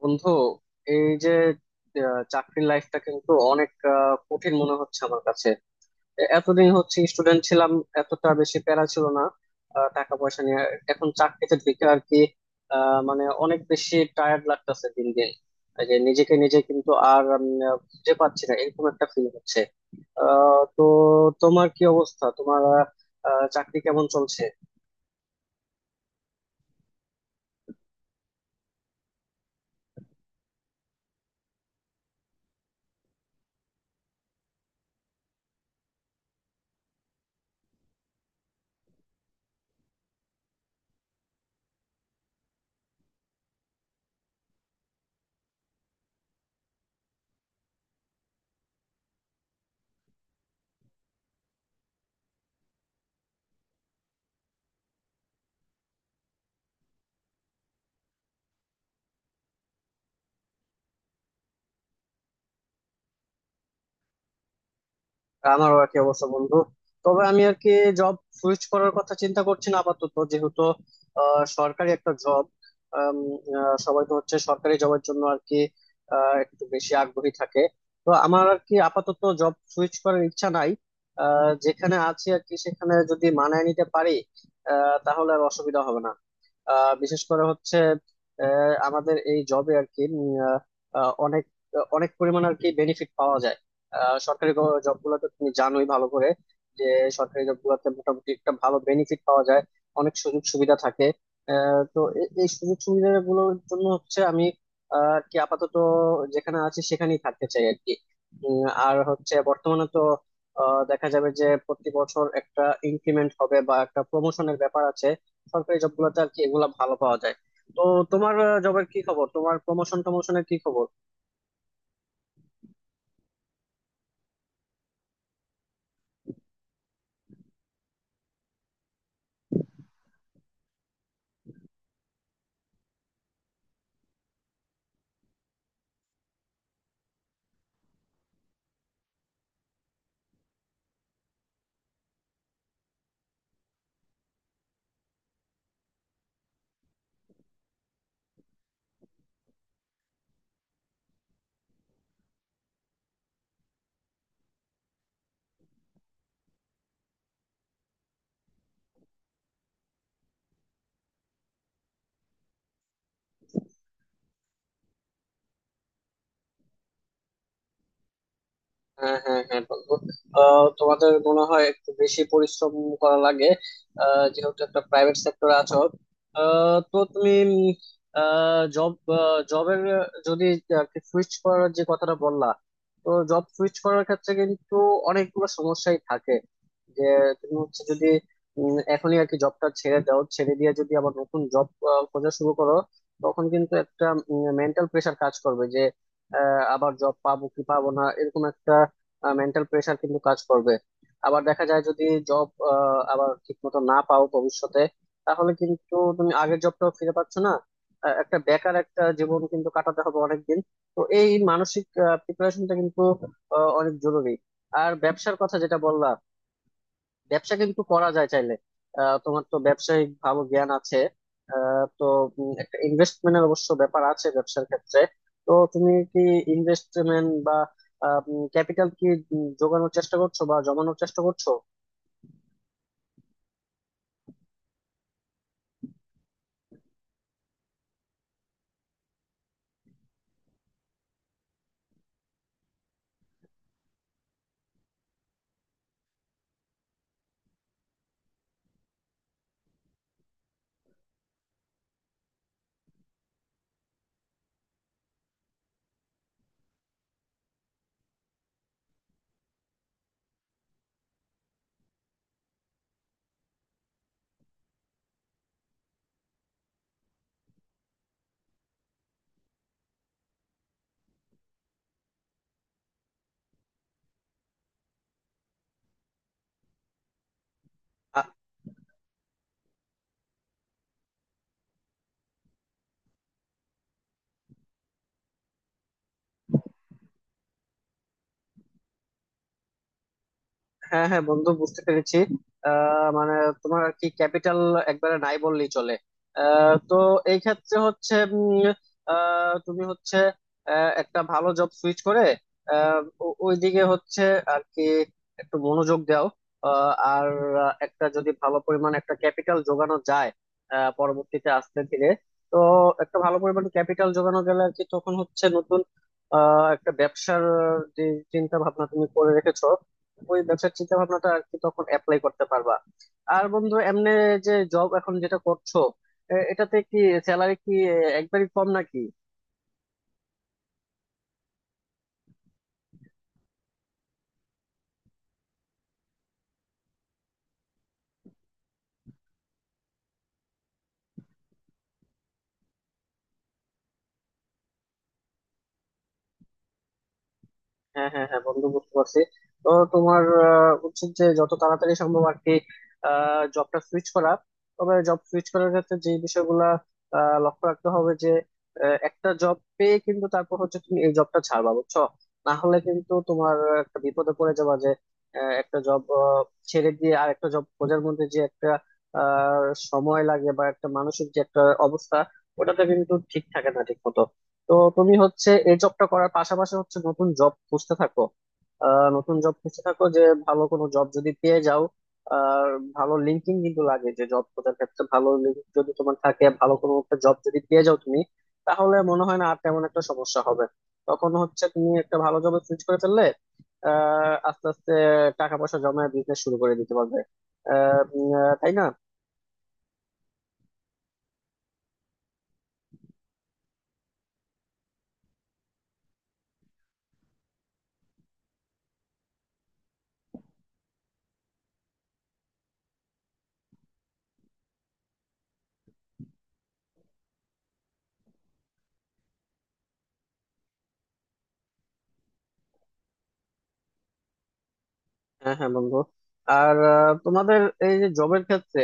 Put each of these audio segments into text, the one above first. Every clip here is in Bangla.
বন্ধু, এই যে চাকরির লাইফটা কিন্তু অনেক কঠিন মনে হচ্ছে আমার কাছে। এতদিন হচ্ছে স্টুডেন্ট ছিলাম, এতটা বেশি প্যারা ছিল না টাকা পয়সা নিয়ে। এখন চাকরিতে ঢুকে আর কি মানে অনেক বেশি টায়ার্ড লাগতেছে দিন দিন। এই যে নিজেকে নিজে কিন্তু আর খুঁজে পাচ্ছি না, এরকম একটা ফিল হচ্ছে। তো, তোমার কি অবস্থা? তোমার আহ, আহ, চাকরি কেমন চলছে? আমারও আর কি অবস্থা, বন্ধু। তবে আমি আর কি জব সুইচ করার কথা চিন্তা করছি না আপাতত, যেহেতু সরকারি একটা জব। সবাই তো হচ্ছে সরকারি জবের জন্য আর কি একটু বেশি আগ্রহী থাকে। তো আমার আর কি আপাতত জব সুইচ করার ইচ্ছা নাই। যেখানে আছি আর কি সেখানে যদি মানায় নিতে পারি, তাহলে আর অসুবিধা হবে না। বিশেষ করে হচ্ছে আমাদের এই জবে আর কি অনেক অনেক পরিমাণ আর কি বেনিফিট পাওয়া যায়। সরকারি জব গুলোতে তুমি জানোই ভালো করে যে সরকারি জব গুলোতে মোটামুটি একটা ভালো বেনিফিট পাওয়া যায়, অনেক সুযোগ সুবিধা থাকে। তো এই সুযোগ সুবিধা গুলোর জন্য হচ্ছে আমি আর কি আপাতত যেখানে আছি সেখানেই থাকতে চাই আর কি। আর হচ্ছে বর্তমানে তো দেখা যাবে যে প্রতি বছর একটা ইনক্রিমেন্ট হবে বা একটা প্রমোশনের ব্যাপার আছে। সরকারি জব গুলোতে আর কি এগুলা ভালো পাওয়া যায়। তো তোমার জবের কি খবর? তোমার প্রমোশন টমোশনের কি খবর? হ্যাঁ, হ্যাঁ, হ্যাঁ বন্ধু। তোমাদের মনে হয় একটু বেশি পরিশ্রম করা লাগে, যেহেতু একটা প্রাইভেট সেক্টরে আছো। তো তুমি জব জবের যদি সুইচ করার যে কথাটা বললা, তো জব সুইচ করার ক্ষেত্রে কিন্তু অনেকগুলো সমস্যাই থাকে। যে তুমি হচ্ছে যদি এখনই আর কি জবটা ছেড়ে দাও, ছেড়ে দিয়ে যদি আবার নতুন জব খোঁজা শুরু করো, তখন কিন্তু একটা মেন্টাল প্রেশার কাজ করবে যে আবার জব পাবো কি পাবো না, এরকম একটা মেন্টাল প্রেশার কিন্তু কাজ করবে। আবার দেখা যায় যদি জব আবার ঠিক মতো না পাও ভবিষ্যতে, তাহলে কিন্তু তুমি আগের জবটাও ফিরে পাচ্ছ না, একটা বেকার একটা জীবন কিন্তু কাটাতে হবে অনেকদিন। তো এই মানসিক প্রিপারেশনটা কিন্তু অনেক জরুরি। আর ব্যবসার কথা যেটা বললা, ব্যবসা কিন্তু করা যায় চাইলে। তোমার তো ব্যবসায়িক ভালো জ্ঞান আছে। তো একটা ইনভেস্টমেন্টের অবশ্য ব্যাপার আছে ব্যবসার ক্ষেত্রে। তো তুমি কি ইনভেস্টমেন্ট বা ক্যাপিটাল কি জোগানোর চেষ্টা করছো বা জমানোর চেষ্টা করছো? হ্যাঁ, হ্যাঁ বন্ধু, বুঝতে পেরেছি। মানে তোমার আর কি ক্যাপিটাল একবারে নাই বললেই চলে। তো এই ক্ষেত্রে হচ্ছে তুমি হচ্ছে একটা ভালো জব সুইচ করে আহ, ওইদিকে হচ্ছে আর কি একটু মনোযোগ দাও। আহ, আর একটা যদি ভালো পরিমাণ একটা ক্যাপিটাল জোগানো যায় পরবর্তীতে আস্তে ধীরে, তো একটা ভালো পরিমাণ ক্যাপিটাল জোগানো গেলে আর কি তখন হচ্ছে নতুন একটা ব্যবসার যে চিন্তা ভাবনা তুমি করে রেখেছো, ওই ব্যবসার চিন্তা ভাবনাটা আর কি তখন অ্যাপ্লাই করতে পারবা। আর বন্ধু, এমনি যে জব এখন যেটা করছো, এটাতে কি স্যালারি কি একবারই কম নাকি? হ্যাঁ, হ্যাঁ, হ্যাঁ বন্ধু, বুঝতে পারছি। তো তোমার উচিত যে যত তাড়াতাড়ি সম্ভব আর কি জবটা সুইচ করা। তবে জব সুইচ করার ক্ষেত্রে যে বিষয়গুলা লক্ষ্য রাখতে হবে, যে একটা জব পেয়ে কিন্তু তারপর হচ্ছে তুমি এই জবটা ছাড়বা, বুঝছো? না হলে কিন্তু তোমার একটা বিপদে পড়ে যাবা, যে একটা জব ছেড়ে দিয়ে আর একটা জব খোঁজার মধ্যে যে একটা আহ, সময় লাগে, বা একটা মানসিক যে একটা অবস্থা, ওটাতে কিন্তু ঠিক থাকে না ঠিক মতো। তো তুমি হচ্ছে এই জবটা করার পাশাপাশি হচ্ছে নতুন জব খুঁজতে থাকো। নতুন জব খুঁজতে থাকো, যে ভালো কোনো জব যদি পেয়ে যাও। আর ভালো লিঙ্কিং কিন্তু লাগে যে জব খোঁজার ক্ষেত্রে, ভালো লিঙ্ক যদি তোমার থাকে, ভালো কোনো একটা জব যদি পেয়ে যাও তুমি, তাহলে মনে হয় না আর তেমন একটা সমস্যা হবে। তখন হচ্ছে তুমি একটা ভালো জবে সুইচ করে ফেললে, আস্তে আস্তে টাকা পয়সা জমায় বিজনেস শুরু করে দিতে পারবে, তাই না? হ্যাঁ, হ্যাঁ বন্ধু। আর তোমাদের এই যে জবের ক্ষেত্রে,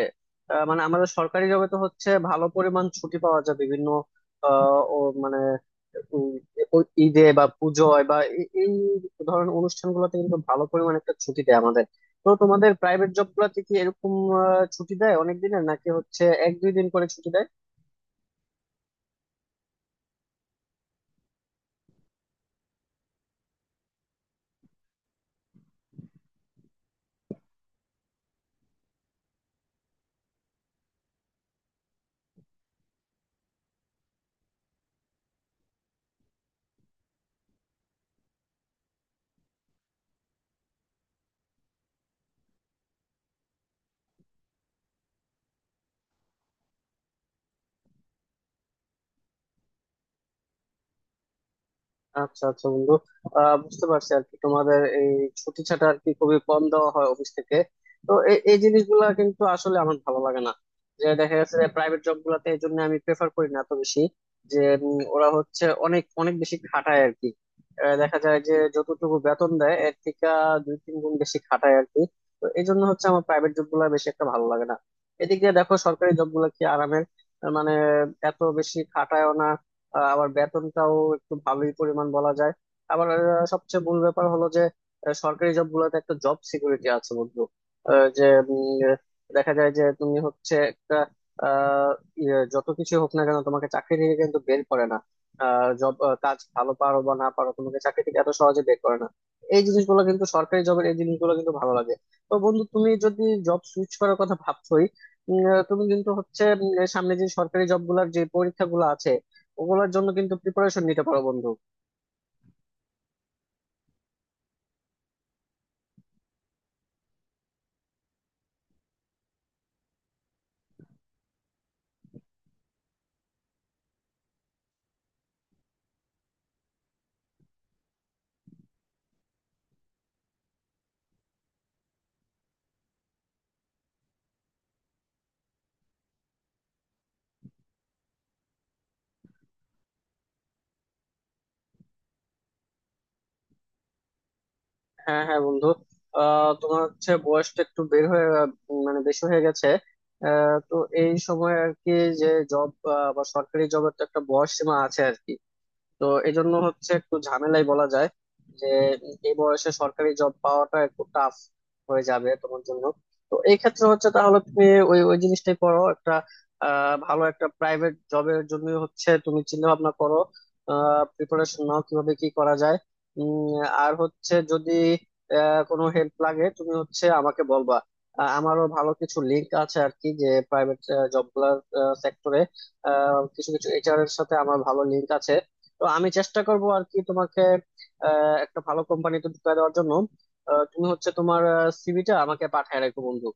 মানে আমাদের সরকারি জবে তো হচ্ছে ভালো পরিমাণ ছুটি পাওয়া যায় বিভিন্ন আহ, ও মানে উম, ঈদে বা পুজোয় বা এই ধরনের অনুষ্ঠানগুলোতে কিন্তু ভালো পরিমাণ একটা ছুটি দেয় আমাদের। তো তোমাদের প্রাইভেট জব গুলাতে কি এরকম ছুটি দেয় অনেক দিনের, নাকি হচ্ছে 1-2 দিন করে ছুটি দেয়? আচ্ছা, আচ্ছা বন্ধু। বুঝতে পারছি আর কি তোমাদের এই ছুটি ছাটা আর কি খুবই কম দেওয়া হয় অফিস থেকে। তো এই এই জিনিসগুলা কিন্তু আসলে আমার ভালো লাগে না, যে দেখা গেছে যে প্রাইভেট জব গুলাতে এই জন্য আমি প্রেফার করি না এত বেশি। যে ওরা হচ্ছে অনেক অনেক বেশি খাটায় আর কি। দেখা যায় যে যতটুকু বেতন দেয় এর থেকে 2-3 গুণ বেশি খাটায় আর কি। তো এই জন্য হচ্ছে আমার প্রাইভেট জব গুলা বেশি একটা ভালো লাগে না। এদিকে দেখো সরকারি জব গুলা কি আরামের! মানে এত বেশি খাটায়ও না, আবার বেতনটাও একটু ভালোই পরিমাণ বলা যায়। আবার সবচেয়ে মূল ব্যাপার হলো যে সরকারি জব গুলোতে একটা জব সিকিউরিটি আছে বন্ধু। যে উম, আহ, দেখা যায় যে তুমি হচ্ছে একটা আহ, যত কিছু হোক না কেন তোমাকে চাকরি থেকে কিন্তু বের করে না। জব, কাজ ভালো পারো বা না পারো, তোমাকে চাকরি থেকে এত সহজে বের করে না। এই জিনিসগুলো কিন্তু সরকারি জবের, এই জিনিসগুলো কিন্তু ভালো লাগে। তো বন্ধু, তুমি যদি জব সুইচ করার কথা ভাবছোই, তুমি কিন্তু হচ্ছে সামনে যে সরকারি জব গুলার যে পরীক্ষাগুলো আছে, ওগুলোর জন্য কিন্তু প্রিপারেশন নিতে পারো বন্ধু। হ্যাঁ, হ্যাঁ বন্ধু। তোমার হচ্ছে বয়সটা একটু বের হয়ে মানে বেশি হয়ে গেছে। তো এই সময় আর কি, যে জব বা সরকারি জবের তো একটা বয়স সীমা আছে আর কি। তো এই জন্য হচ্ছে একটু ঝামেলাই বলা যায়, যে এই বয়সে সরকারি জব পাওয়াটা একটু টাফ হয়ে যাবে তোমার জন্য। তো এই ক্ষেত্রে হচ্ছে তাহলে তুমি ওই ওই জিনিসটাই করো। একটা ভালো একটা প্রাইভেট জবের জন্য হচ্ছে তুমি চিন্তা ভাবনা করো, প্রিপারেশন নাও কিভাবে কি করা যায়। আর হচ্ছে যদি কোনো হেল্প লাগে, তুমি হচ্ছে আমাকে বলবা। আমারও ভালো কিছু লিঙ্ক আছে আর কি, যে প্রাইভেট জব গুলার সেক্টরে কিছু কিছু এইচআর এর সাথে আমার ভালো লিঙ্ক আছে। তো আমি চেষ্টা করব আর কি তোমাকে একটা ভালো কোম্পানিতে ঢুকিয়ে দেওয়ার জন্য। তুমি হচ্ছে তোমার সিভিটা আমাকে পাঠায় রাখো বন্ধু।